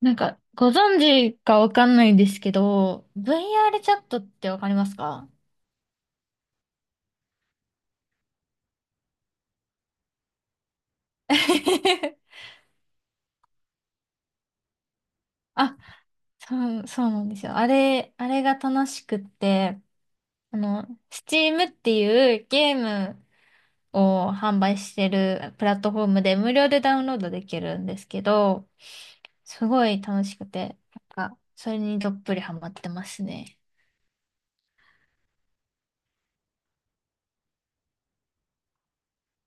ご存知かわかんないんですけど、VR チャットってわかりますか？ あ、そうなんですよ。あれが楽しくって、Steam っていうゲームを販売してるプラットフォームで無料でダウンロードできるんですけど、すごい楽しくて、それにどっぷりハマってますね。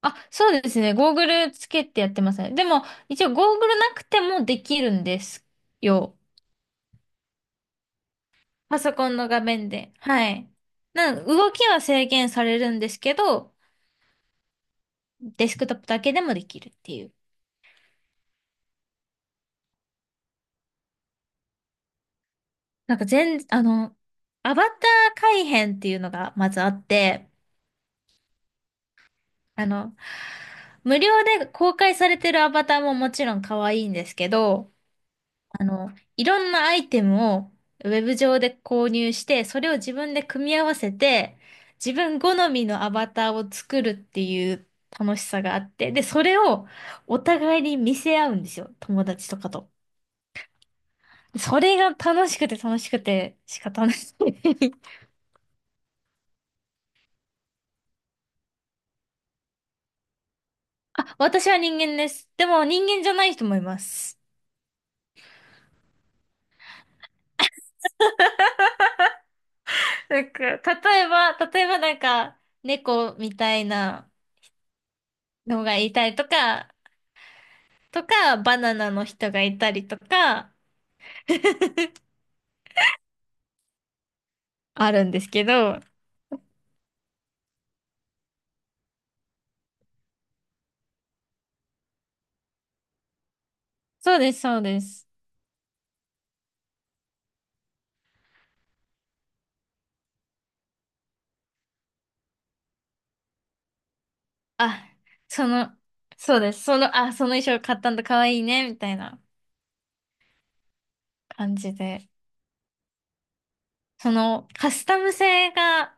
あ、そうですね。ゴーグルつけてやってますね。でも、一応ゴーグルなくてもできるんですよ。パソコンの画面で。はい。動きは制限されるんですけど、デスクトップだけでもできるっていう。なんか全、あの、アバター改変っていうのがまずあって、あの、無料で公開されてるアバターももちろん可愛いんですけど、あの、いろんなアイテムをウェブ上で購入して、それを自分で組み合わせて、自分好みのアバターを作るっていう楽しさがあって、で、それをお互いに見せ合うんですよ。友達とかと。それが楽しくて楽しくて仕方ない。私は人間です。でも人間じゃない人もいます。例えば猫みたいなのがいたりとか、バナナの人がいたりとか、あるんですけど、そうです、そうです。あ、その、そうです、あ、その衣装買ったんだ、かわいいね、みたいな感じで。カスタム性が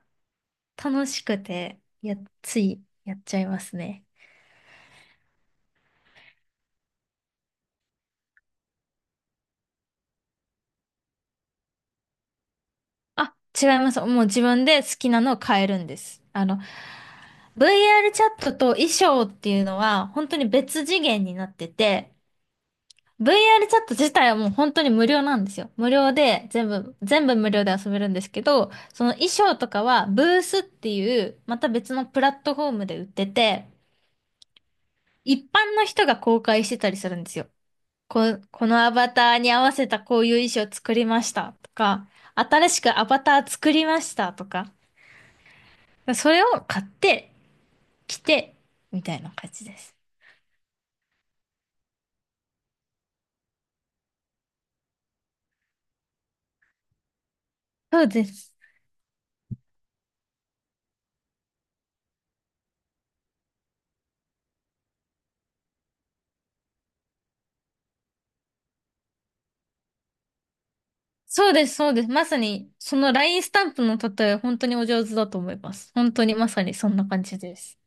楽しくて、ついやっちゃいますね。あ、違います。もう自分で好きなのを変えるんです。VR チャットと衣装っていうのは、本当に別次元になってて、VR チャット自体はもう本当に無料なんですよ。無料で全部、全部無料で遊べるんですけど、その衣装とかはブースっていう、また別のプラットフォームで売ってて、一般の人が公開してたりするんですよ。このアバターに合わせたこういう衣装作りましたとか、新しくアバター作りましたとか、それを買って、着て、みたいな感じです。そうです。そうです。まさに、そのラインスタンプの例え、本当にお上手だと思います。本当にまさにそんな感じです。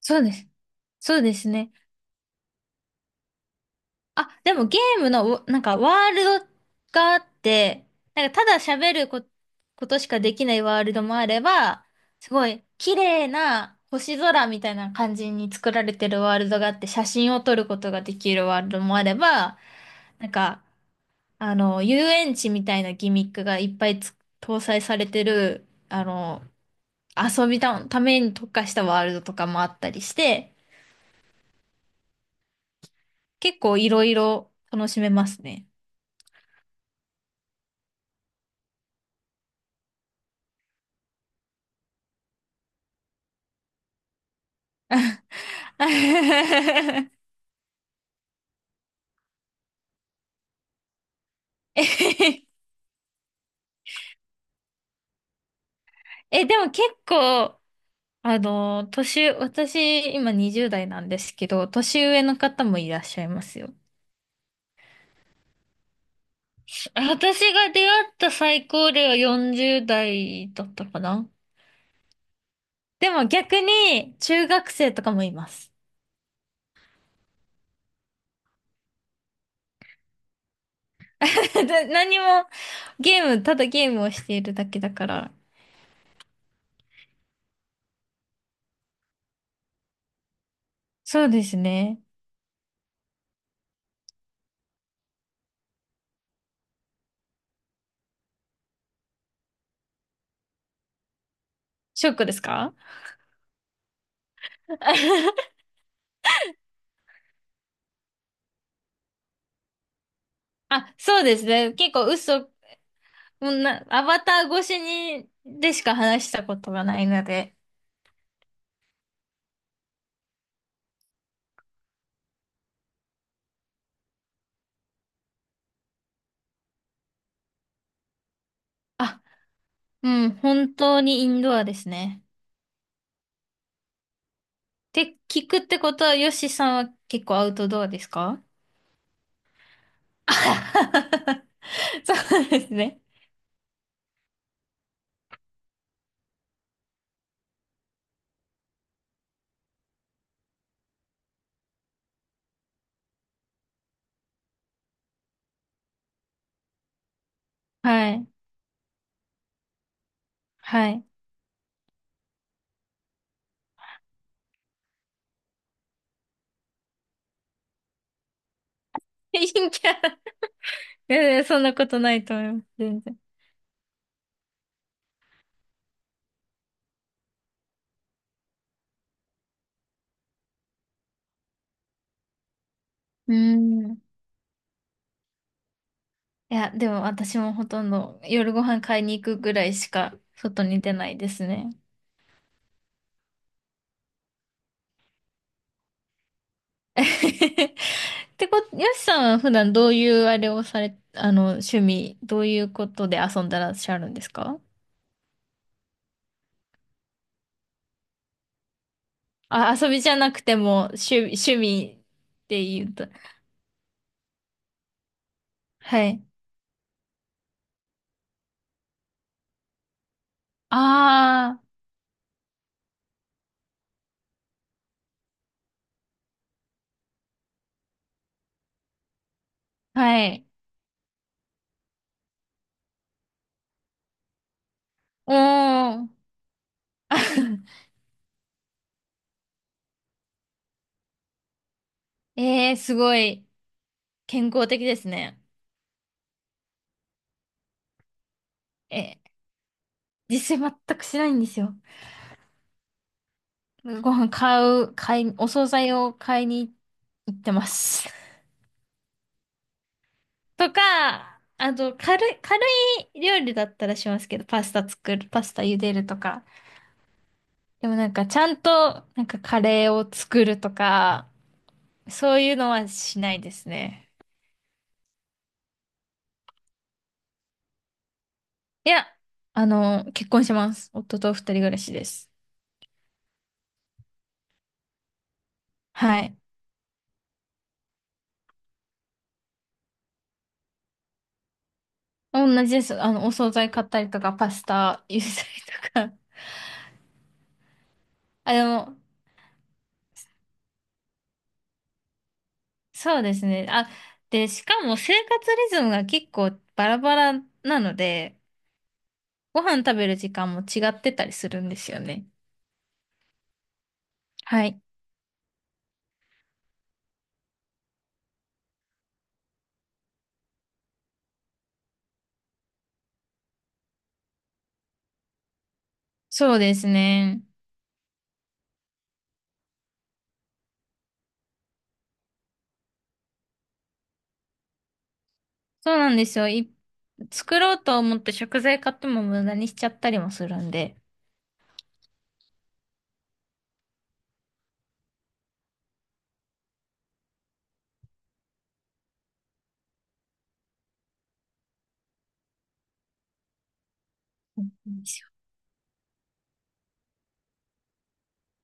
そうです。そうですね。あ、でもゲームの、ワールドがあって、ただ喋るこ、ことしかできないワールドもあれば、すごい綺麗な星空みたいな感じに作られてるワールドがあって、写真を撮ることができるワールドもあれば、なんか遊園地みたいなギミックがいっぱいつ搭載されてる、遊びた、ために特化したワールドとかもあったりして、結構いろいろ楽しめますね。え、でも結構、私、今20代なんですけど、年上の方もいらっしゃいますよ。私が出会った最高齢は40代だったかな。でも逆に、中学生とかもいます。ただ何も、ゲーム、ただゲームをしているだけだから。そうですね。ショックですか？ あ、そうですね。結構嘘、もうな、アバター越しに、でしか話したことがないので。あ、うん、本当にインドアですね。って聞くってことは、ヨシさんは結構アウトドアですか？あはは。 そうですね。はい。はい。陰キャ。いやいやそんなことないと思います。全然。うーん。いや、でも私もほとんど夜ご飯買いに行くぐらいしか外に出ないですね。ってこと、よしさんは普段どういうあれをされ、あの、趣味、どういうことで遊んでらっしゃるんですか？あ、遊びじゃなくても趣味って言うと。はい。ああ、はい。おー。ええー、すごい健康的ですね。え、実践全くしないんですよ。ご飯買う、買い、お惣菜を買いに行ってます。とか、あと、軽い料理だったらしますけど、パスタ茹でるとか。でもなんか、ちゃんと、なんかカレーを作るとか、そういうのはしないですね。いや、あの、結婚します。夫と二人暮らしです。はい。同じです。あの、お惣菜買ったりとか、パスタ茹でたりとか。あ、でも、そうですね。あ、で、しかも生活リズムが結構バラバラなので、ご飯食べる時間も違ってたりするんですよね。はい。そうですね。そうなんですよ。作ろうと思って食材買っても無駄にしちゃったりもするんで。